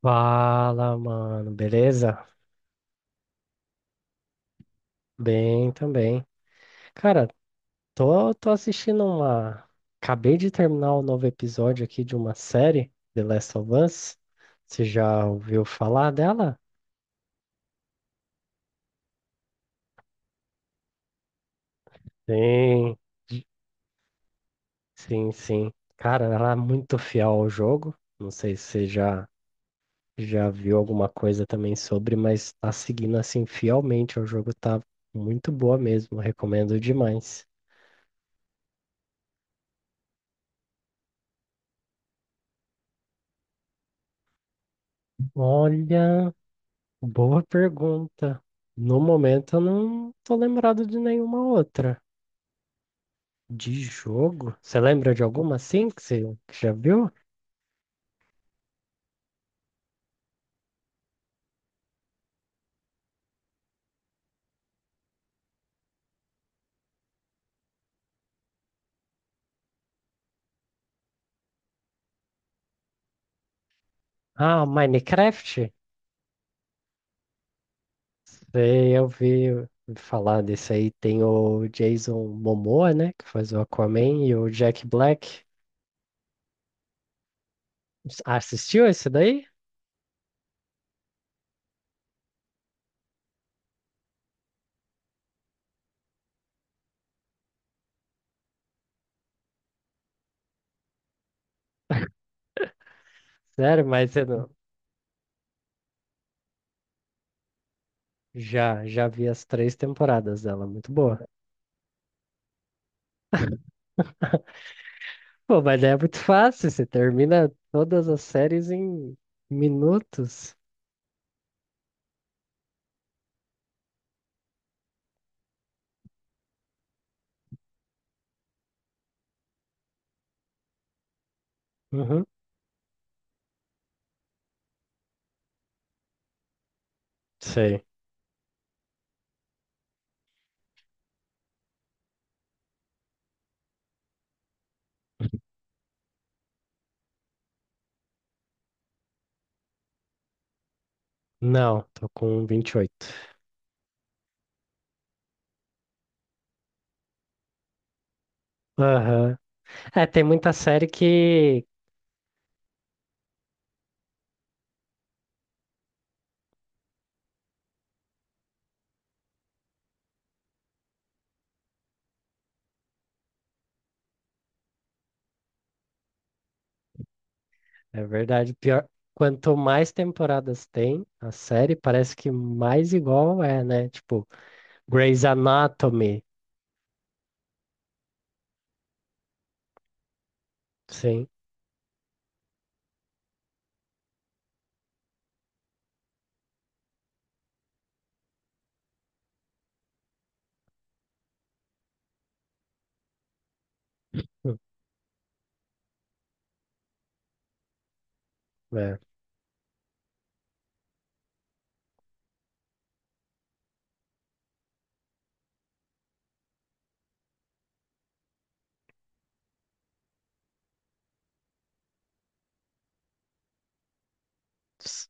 Fala, mano, beleza? Bem também. Cara, tô assistindo uma. Acabei de terminar o novo episódio aqui de uma série, The Last of Us. Você já ouviu falar dela? Sim, sim, sim. Cara, ela é muito fiel ao jogo. Não sei se você já viu alguma coisa também sobre, mas tá seguindo assim fielmente ao jogo, tá muito boa mesmo. Recomendo demais. Olha. Boa pergunta. No momento eu não tô lembrado de nenhuma outra. De jogo? Você lembra de alguma assim que já viu? Ah, Minecraft? Sei, eu vi ouvi falar desse aí. Tem o Jason Momoa, né? Que faz o Aquaman e o Jack Black. Ah, assistiu esse daí? Sério, mas eu não. Já vi as três temporadas dela, muito boa. Pô, mas daí é muito fácil, você termina todas as séries em minutos. Uhum, sei. Não, tô com 28. Aham. É, tem muita série que. É verdade. Pior. Quanto mais temporadas tem a série, parece que mais igual é, né? Tipo, Grey's Anatomy. Sim. Hum. É. Ps-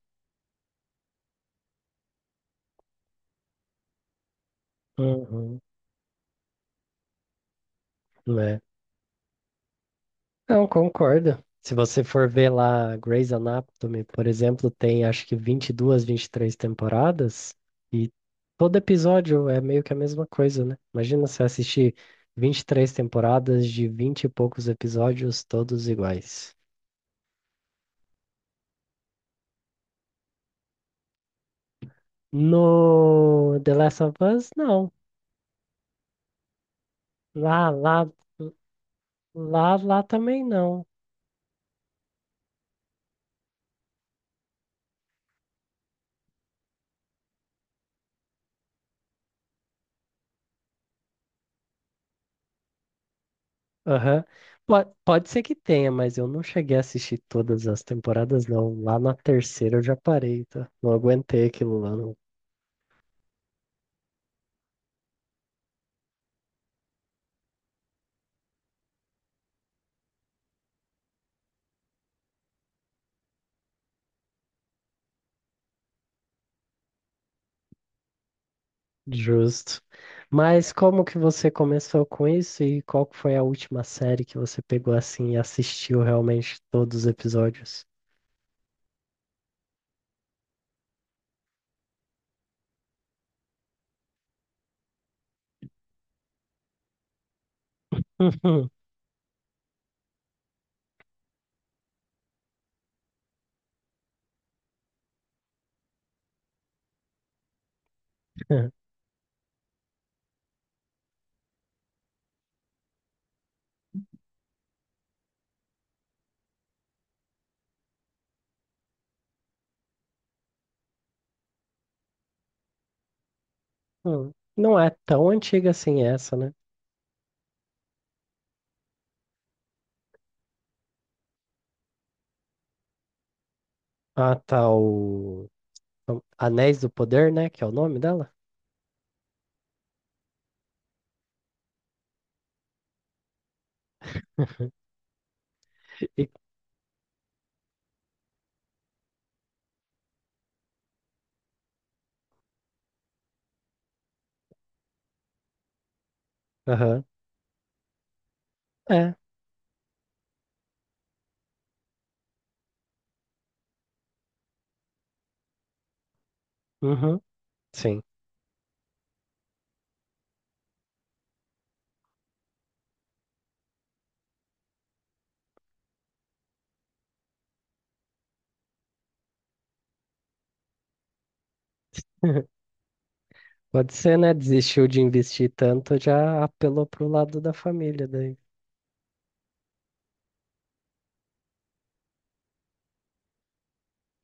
Uhum. Né? Não, concordo. Se você for ver lá Grey's Anatomy, por exemplo, tem acho que 20 22 23 temporadas e todo episódio é meio que a mesma coisa, né? Imagina se assistir 23 temporadas de 20 e poucos episódios, todos iguais. No The Last of Us, não. Lá, lá, lá, lá também não. Aham. Pode ser que tenha, mas eu não cheguei a assistir todas as temporadas, não. Lá na terceira eu já parei, tá? Não aguentei aquilo lá, não. Justo. Mas como que você começou com isso e qual que foi a última série que você pegou assim e assistiu realmente todos os episódios? Uhum. Hum. Não é tão antiga assim essa, né? Ah, tá, o Anéis do Poder, né? Que é o nome dela? E- Aham. É. Uhum. Sim. Pode ser, né? Desistiu de investir tanto, já apelou pro lado da família daí.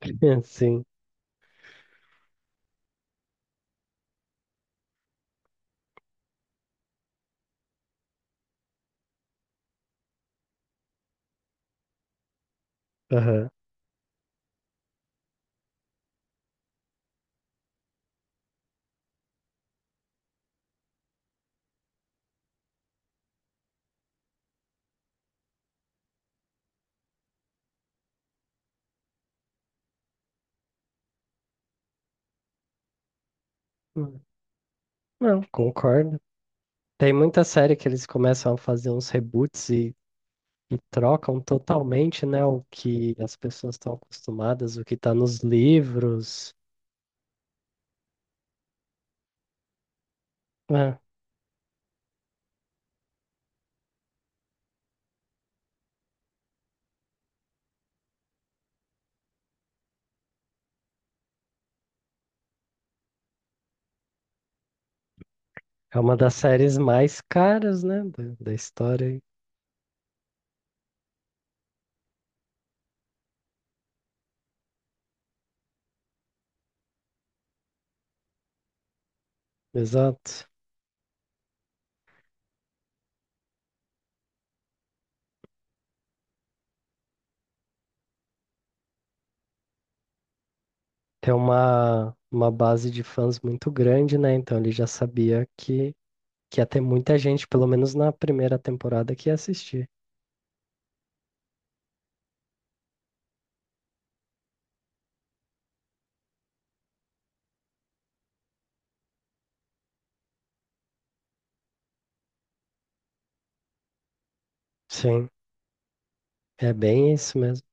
Sim. Aham. Hum, não, concordo. Tem muita série que eles começam a fazer uns reboots e trocam totalmente, né? O que as pessoas estão acostumadas, o que está nos livros. É, é uma das séries mais caras, né? Da história. Aí. Exato. Tem uma base de fãs muito grande, né? Então ele já sabia que ia ter muita gente, pelo menos na primeira temporada, que ia assistir. Sim, é bem isso mesmo.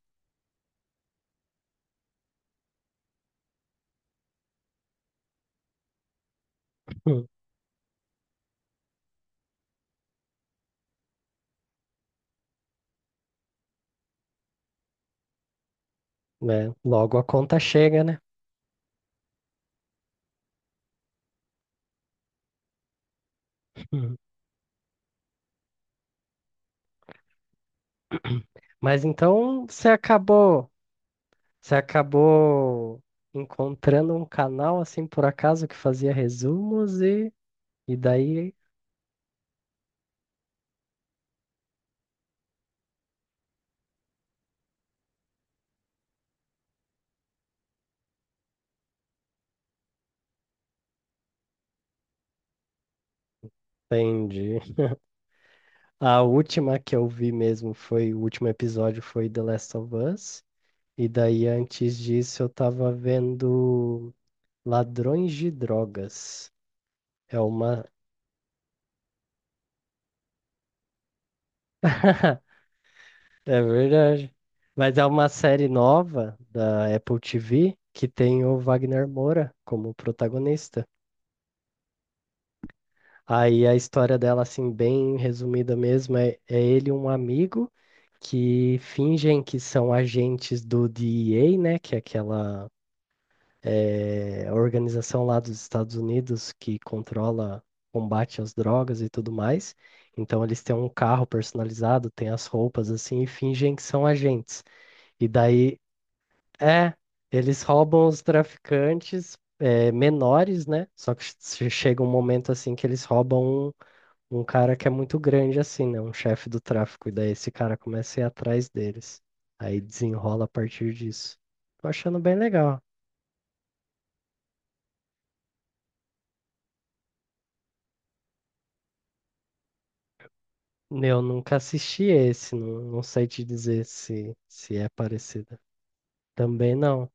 Hum, né? Logo a conta chega, né? Hum. Mas então você acabou encontrando um canal assim por acaso que fazia resumos e daí entendi. A última que eu vi mesmo foi, o último episódio foi The Last of Us. E daí antes disso eu tava vendo Ladrões de Drogas. É uma é verdade. Mas é uma série nova da Apple TV que tem o Wagner Moura como protagonista. Aí a história dela, assim, bem resumida mesmo, é, é ele e um amigo que fingem que são agentes do DEA, né? Que é aquela organização lá dos Estados Unidos que controla combate às drogas e tudo mais. Então eles têm um carro personalizado, têm as roupas assim e fingem que são agentes. E daí é, eles roubam os traficantes é, menores, né? Só que chega um momento assim que eles roubam um cara que é muito grande, assim, né? Um chefe do tráfico. E daí esse cara começa a ir atrás deles. Aí desenrola a partir disso. Tô achando bem legal. Eu nunca assisti esse, não, não sei te dizer se é parecida. Também não.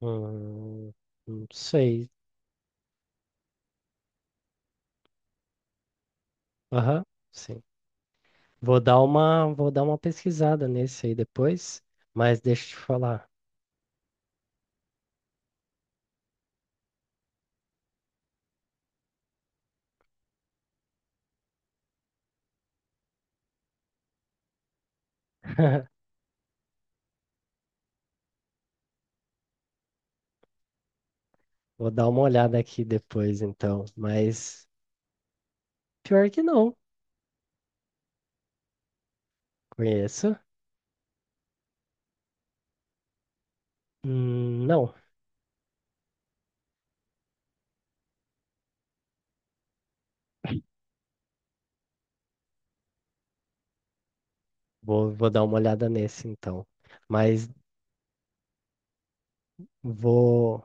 Hum, não sei. Aham, sim. Vou dar vou dar uma pesquisada nesse aí depois, mas deixa eu te falar. Vou dar uma olhada aqui depois, então. Mas pior que não, conheço. Não, vou dar uma olhada nesse, então. Mas vou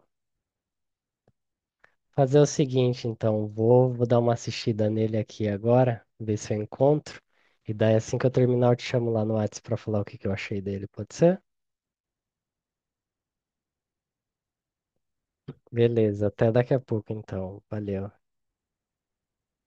fazer o seguinte, então. Vou dar uma assistida nele aqui agora, ver se eu encontro. E daí, assim que eu terminar, eu te chamo lá no WhatsApp pra falar o que que eu achei dele, pode ser? Beleza, até daqui a pouco, então. Valeu.